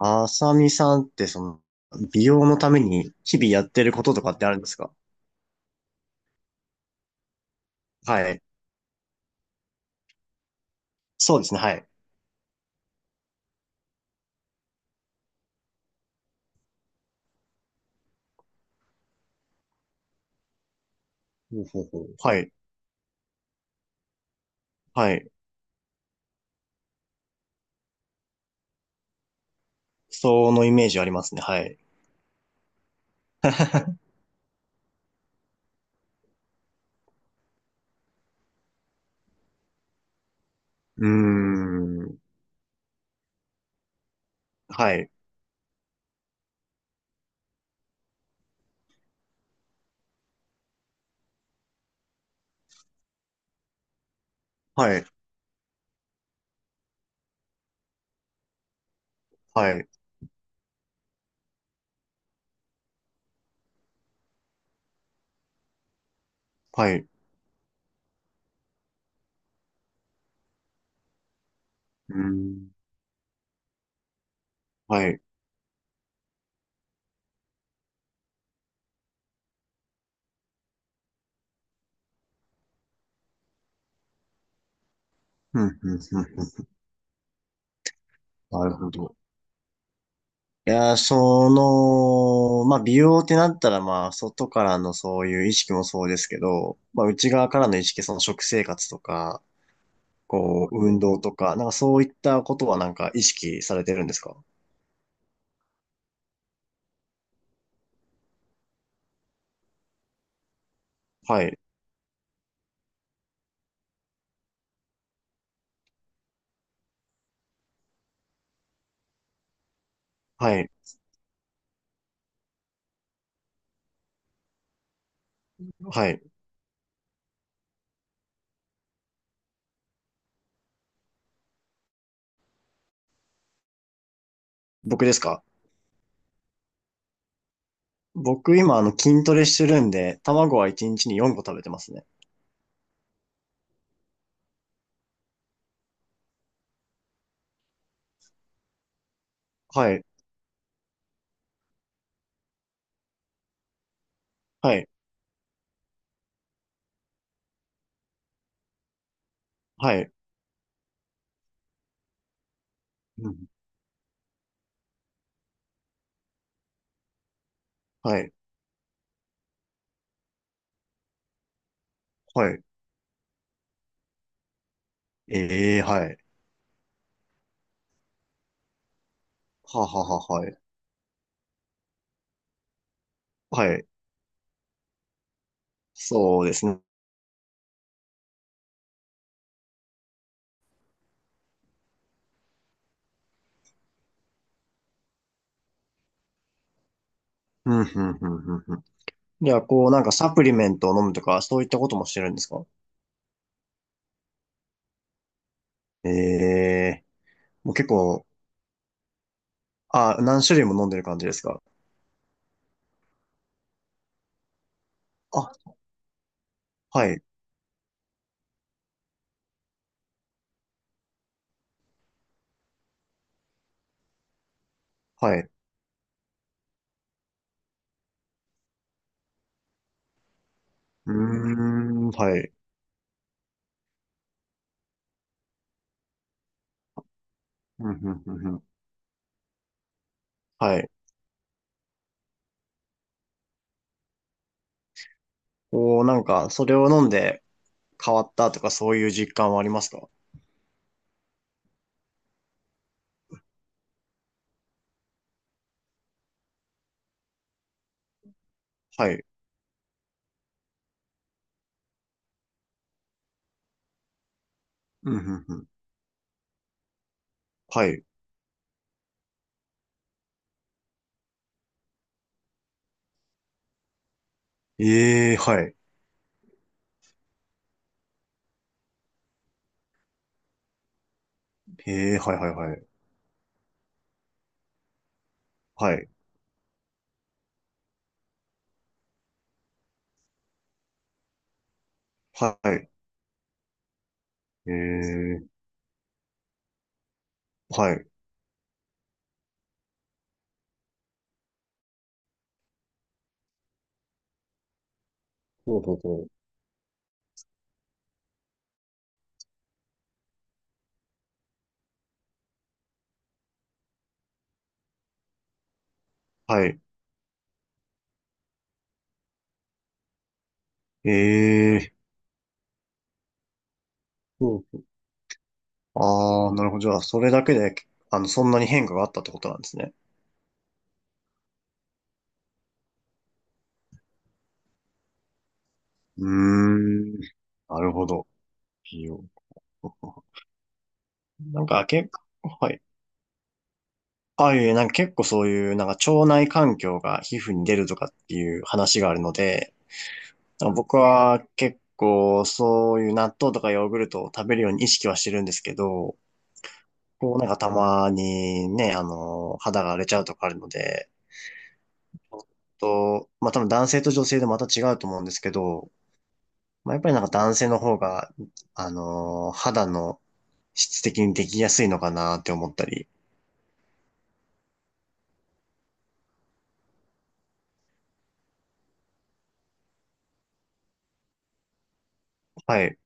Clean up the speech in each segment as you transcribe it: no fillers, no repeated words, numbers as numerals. あさみさんって美容のために日々やってることとかってあるんですか？はい。そうですね、はい。ほうほうほう。はい。はい。そのイメージありますね、はい。うーん。はい。はい。はい。はい。うーん。はい。うん、うん、うん、うん。なるほど。いやー、まあ、美容ってなったら、まあ、外からのそういう意識もそうですけど、まあ、内側からの意識、その食生活とか、こう、運動とか、なんかそういったことはなんか意識されてるんですか？はい、はい、はい。僕ですか？僕今筋トレしてるんで、卵は1日に4個食べてますね。はい、はい、はい、うん、はい、はい。ええ、はい。はははは、はい。はい。そうですね。うん、うん、うん、うん。うん。じゃあ、こう、なんかサプリメントを飲むとか、そういったこともしてるんですか？ええ、もう結構、あ、何種類も飲んでる感じですか？あ、はい、はい。うーん、はい。うん、うん、うん、うん、はい。こう、なんか、それを飲んで変わったとか、そういう実感はありますか？はい。うん、うん、うん。はい。ええ、はい。ええ、はい、はい、はい。はい。はい。ええ、はい。ほうほうほう。はい。ええ、ほうほう。ああ、なるほど。じゃあ、それだけで、そんなに変化があったってことなんですね。うーん。なるほど。いいよ。なんか、はい。ああいう、なんか結構そういう、なんか腸内環境が皮膚に出るとかっていう話があるので、なんか僕は結構そういう納豆とかヨーグルトを食べるように意識はしてるんですけど、こうなんかたまにね、肌が荒れちゃうとかあるので、ちょっと、まあ多分男性と女性でまた違うと思うんですけど、まあやっぱりなんか男性の方が、肌の質的にできやすいのかなって思ったり、はい、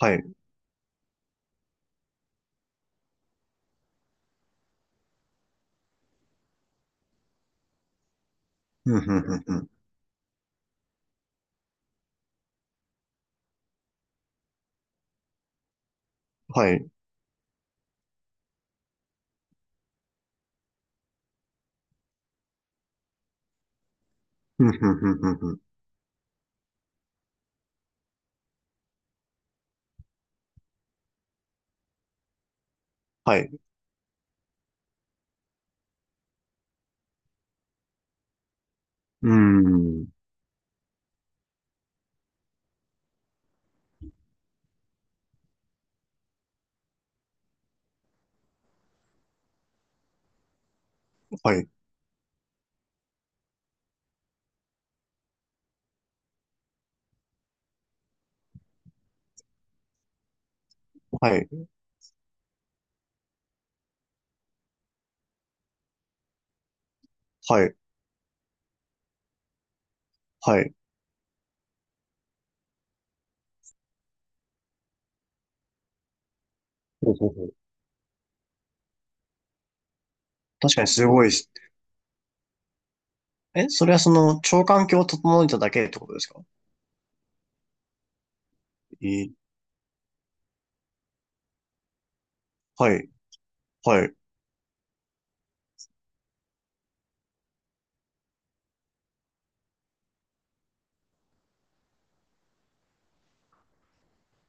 はい、うん、うん、うん、うん、はい、うん、うん、うん、うん。うん、はい。うーん。はい。はい。はい。はい。ほうほうほう。確かにすごいっす。え、それは腸環境を整えただけってことですか？えー、はい。はい。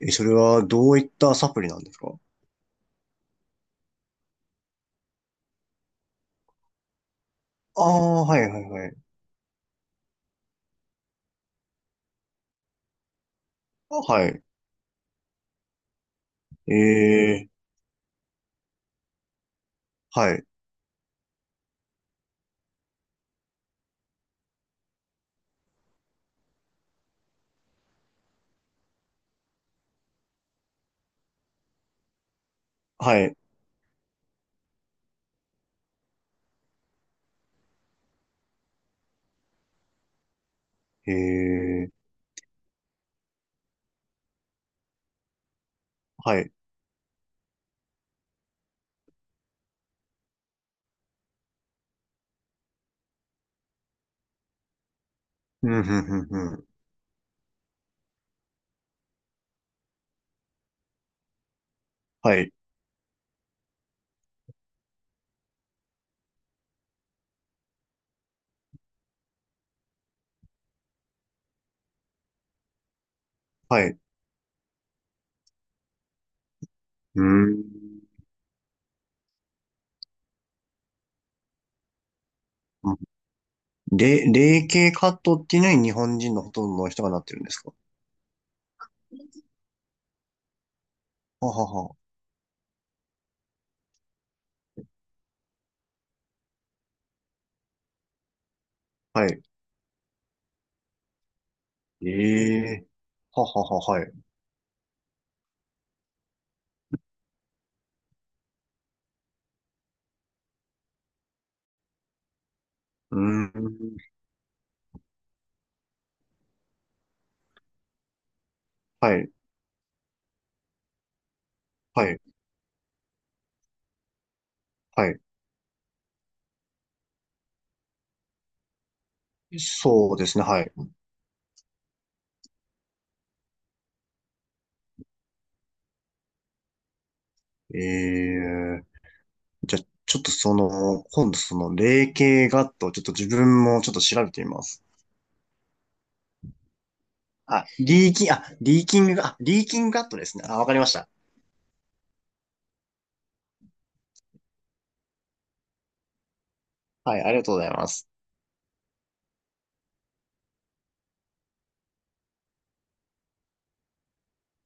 え、それはどういったサプリなんですか？あ、あー、はい、はい、はい。あ、はい。えー、はい。はい。えー、はい。うん、ふん、ふん、ふん。はい。はい。うーん。霊系カットっていうのに日本人のほとんどの人がなってるんですか？ははは。はい。ええ、ははは、はい。うーん。はい、はい、はい。そうですね、はい。ええ、じゃあ、ちょっと今度霊系ガット、ちょっと自分もちょっと調べてみます。あ、リーキン、あ、リーキング、あ、リーキングガットですね。あ、わかりました。はい、ありがとうございます。